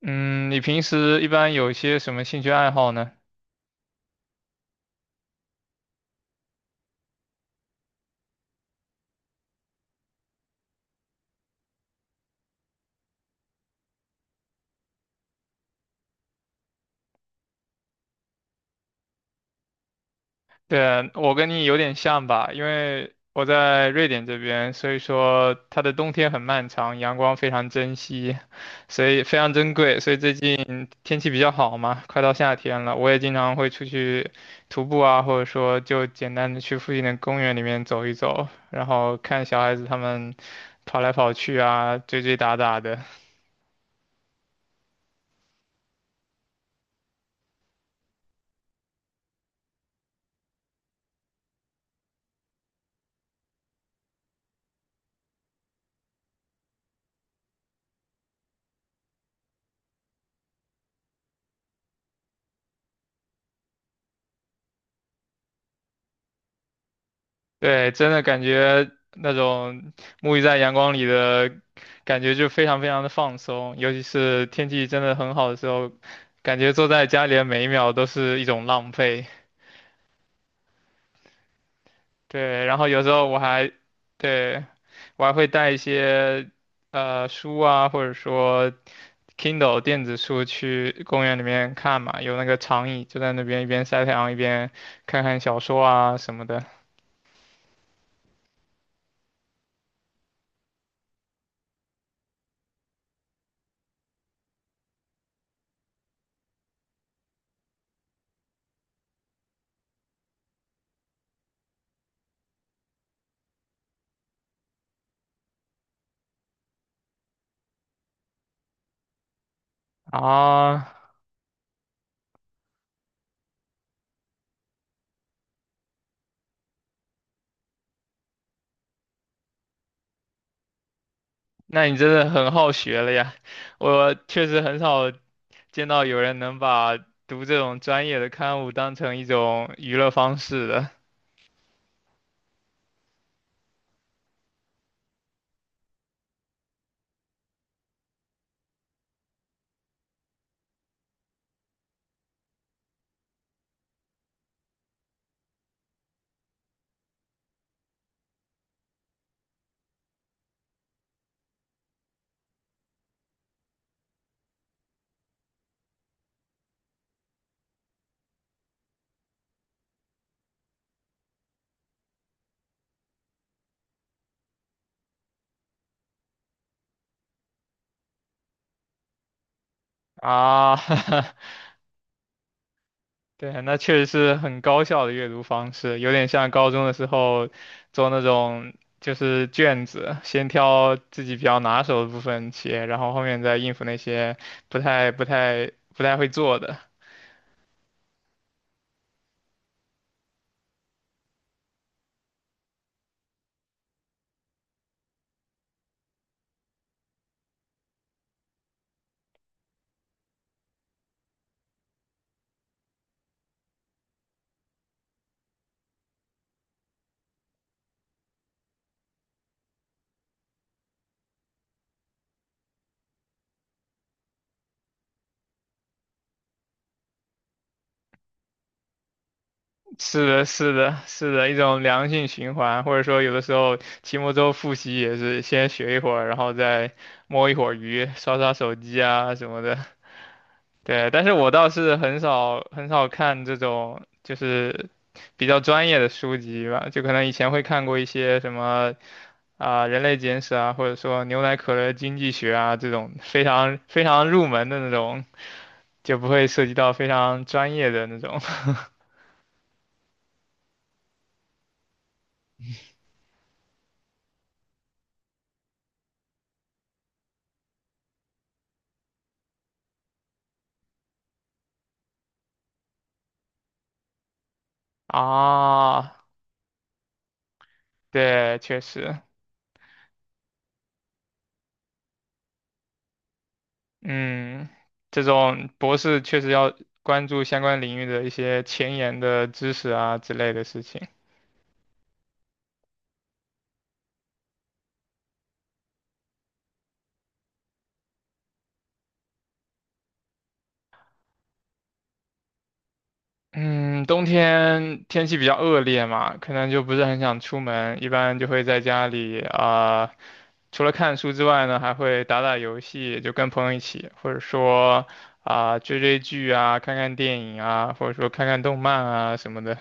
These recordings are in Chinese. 嗯，你平时一般有一些什么兴趣爱好呢？对，我跟你有点像吧，因为我在瑞典这边，所以说它的冬天很漫长，阳光非常珍惜，所以非常珍贵，所以最近天气比较好嘛，快到夏天了，我也经常会出去徒步啊，或者说就简单的去附近的公园里面走一走，然后看小孩子他们跑来跑去啊，追追打打的。对，真的感觉那种沐浴在阳光里的感觉就非常非常的放松，尤其是天气真的很好的时候，感觉坐在家里的每一秒都是一种浪费。对，然后有时候我还，对，我还会带一些书啊，或者说 Kindle 电子书去公园里面看嘛，有那个长椅就在那边一边晒太阳一边看看小说啊什么的啊。那你真的很好学了呀！我确实很少见到有人能把读这种专业的刊物当成一种娱乐方式的啊。对，那确实是很高效的阅读方式，有点像高中的时候做那种就是卷子，先挑自己比较拿手的部分写，然后后面再应付那些不太会做的。是的，是的，是的，一种良性循环，或者说有的时候期末周复习也是先学一会儿，然后再摸一会儿鱼，刷刷手机啊什么的。对，但是我倒是很少很少看这种就是比较专业的书籍吧，就可能以前会看过一些什么啊、人类简史》啊，或者说《牛奶可乐经济学》啊这种非常非常入门的那种，就不会涉及到非常专业的那种 啊。对，确实。嗯，这种博士确实要关注相关领域的一些前沿的知识啊之类的事情。嗯，冬天天气比较恶劣嘛，可能就不是很想出门，一般就会在家里啊、除了看书之外呢，还会打打游戏，就跟朋友一起，或者说啊、追追剧啊，看看电影啊，或者说看看动漫啊什么的。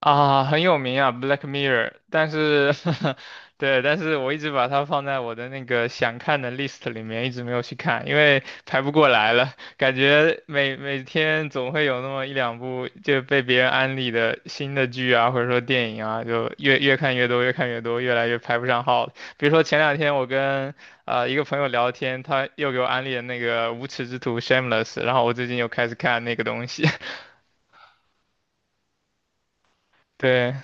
啊，很有名啊，《Black Mirror》,但是，对，但是我一直把它放在我的那个想看的 list 里面，一直没有去看，因为排不过来了，感觉每天总会有那么一两部就被别人安利的新的剧啊，或者说电影啊，就越看越多，越看越多，越来越排不上号。比如说前两天我跟一个朋友聊天，他又给我安利了那个《无耻之徒》(Shameless),然后我最近又开始看那个东西，对。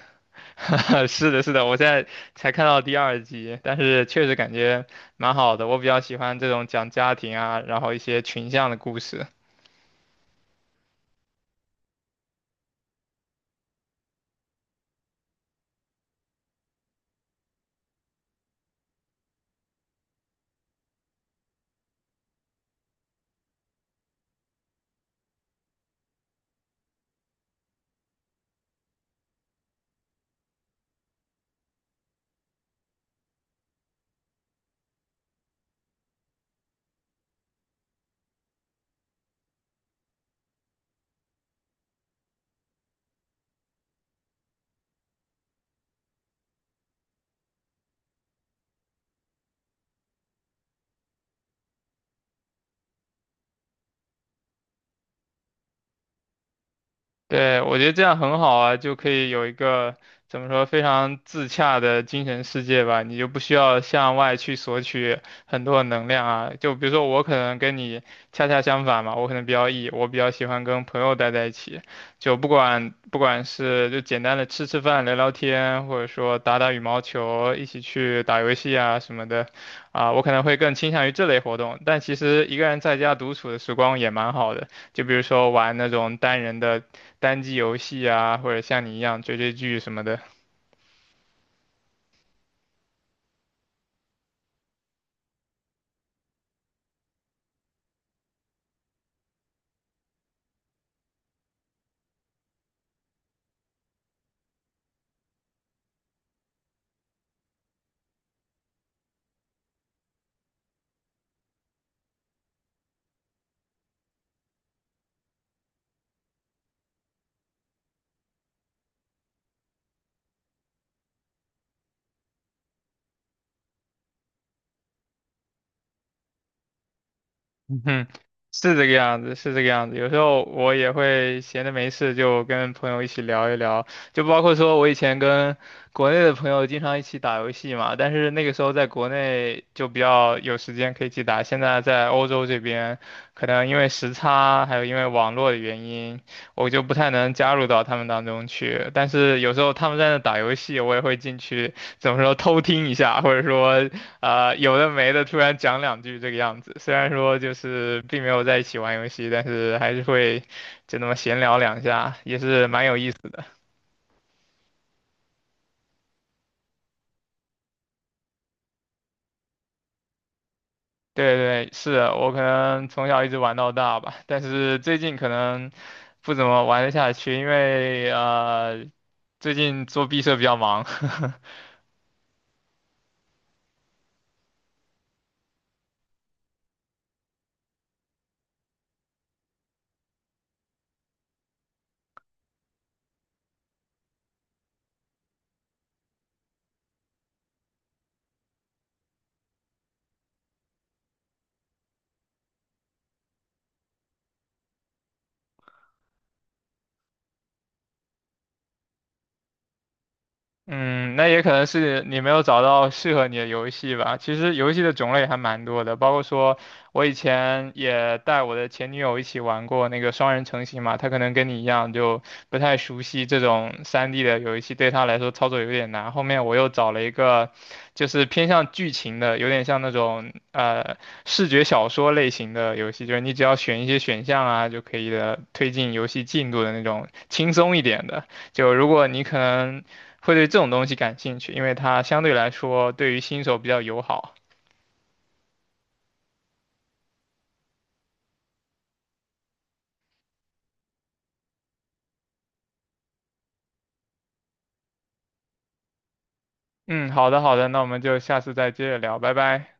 是的，是的，我现在才看到第二集，但是确实感觉蛮好的。我比较喜欢这种讲家庭啊，然后一些群像的故事。对，我觉得这样很好啊，就可以有一个怎么说非常自洽的精神世界吧，你就不需要向外去索取很多的能量啊。就比如说我可能跟你恰恰相反嘛，我可能比较 E,我比较喜欢跟朋友待在一起，就不管是就简单的吃吃饭、聊聊天，或者说打打羽毛球、一起去打游戏啊什么的，啊，我可能会更倾向于这类活动。但其实一个人在家独处的时光也蛮好的。就比如说玩那种单人的单机游戏啊，或者像你一样追追剧什么的。嗯哼，是这个样子，是这个样子。有时候我也会闲着没事就跟朋友一起聊一聊，就包括说我以前跟国内的朋友经常一起打游戏嘛，但是那个时候在国内就比较有时间可以去打，现在在欧洲这边，可能因为时差，还有因为网络的原因，我就不太能加入到他们当中去。但是有时候他们在那打游戏，我也会进去。怎么说偷听一下，或者说啊、有的没的突然讲两句这个样子。虽然说就是并没有在一起玩游戏，但是还是会就那么闲聊两下，也是蛮有意思的。对对，是我可能从小一直玩到大吧，但是最近可能不怎么玩得下去，因为最近做毕设比较忙。嗯，那也可能是你没有找到适合你的游戏吧。其实游戏的种类还蛮多的，包括说我以前也带我的前女友一起玩过那个双人成行嘛，她可能跟你一样就不太熟悉这种3D 的游戏，对她来说操作有点难。后面我又找了一个就是偏向剧情的，有点像那种视觉小说类型的游戏，就是你只要选一些选项啊就可以的推进游戏进度的那种轻松一点的。就如果你可能会对这种东西感兴趣，因为它相对来说对于新手比较友好。嗯，好的好的，那我们就下次再接着聊，拜拜。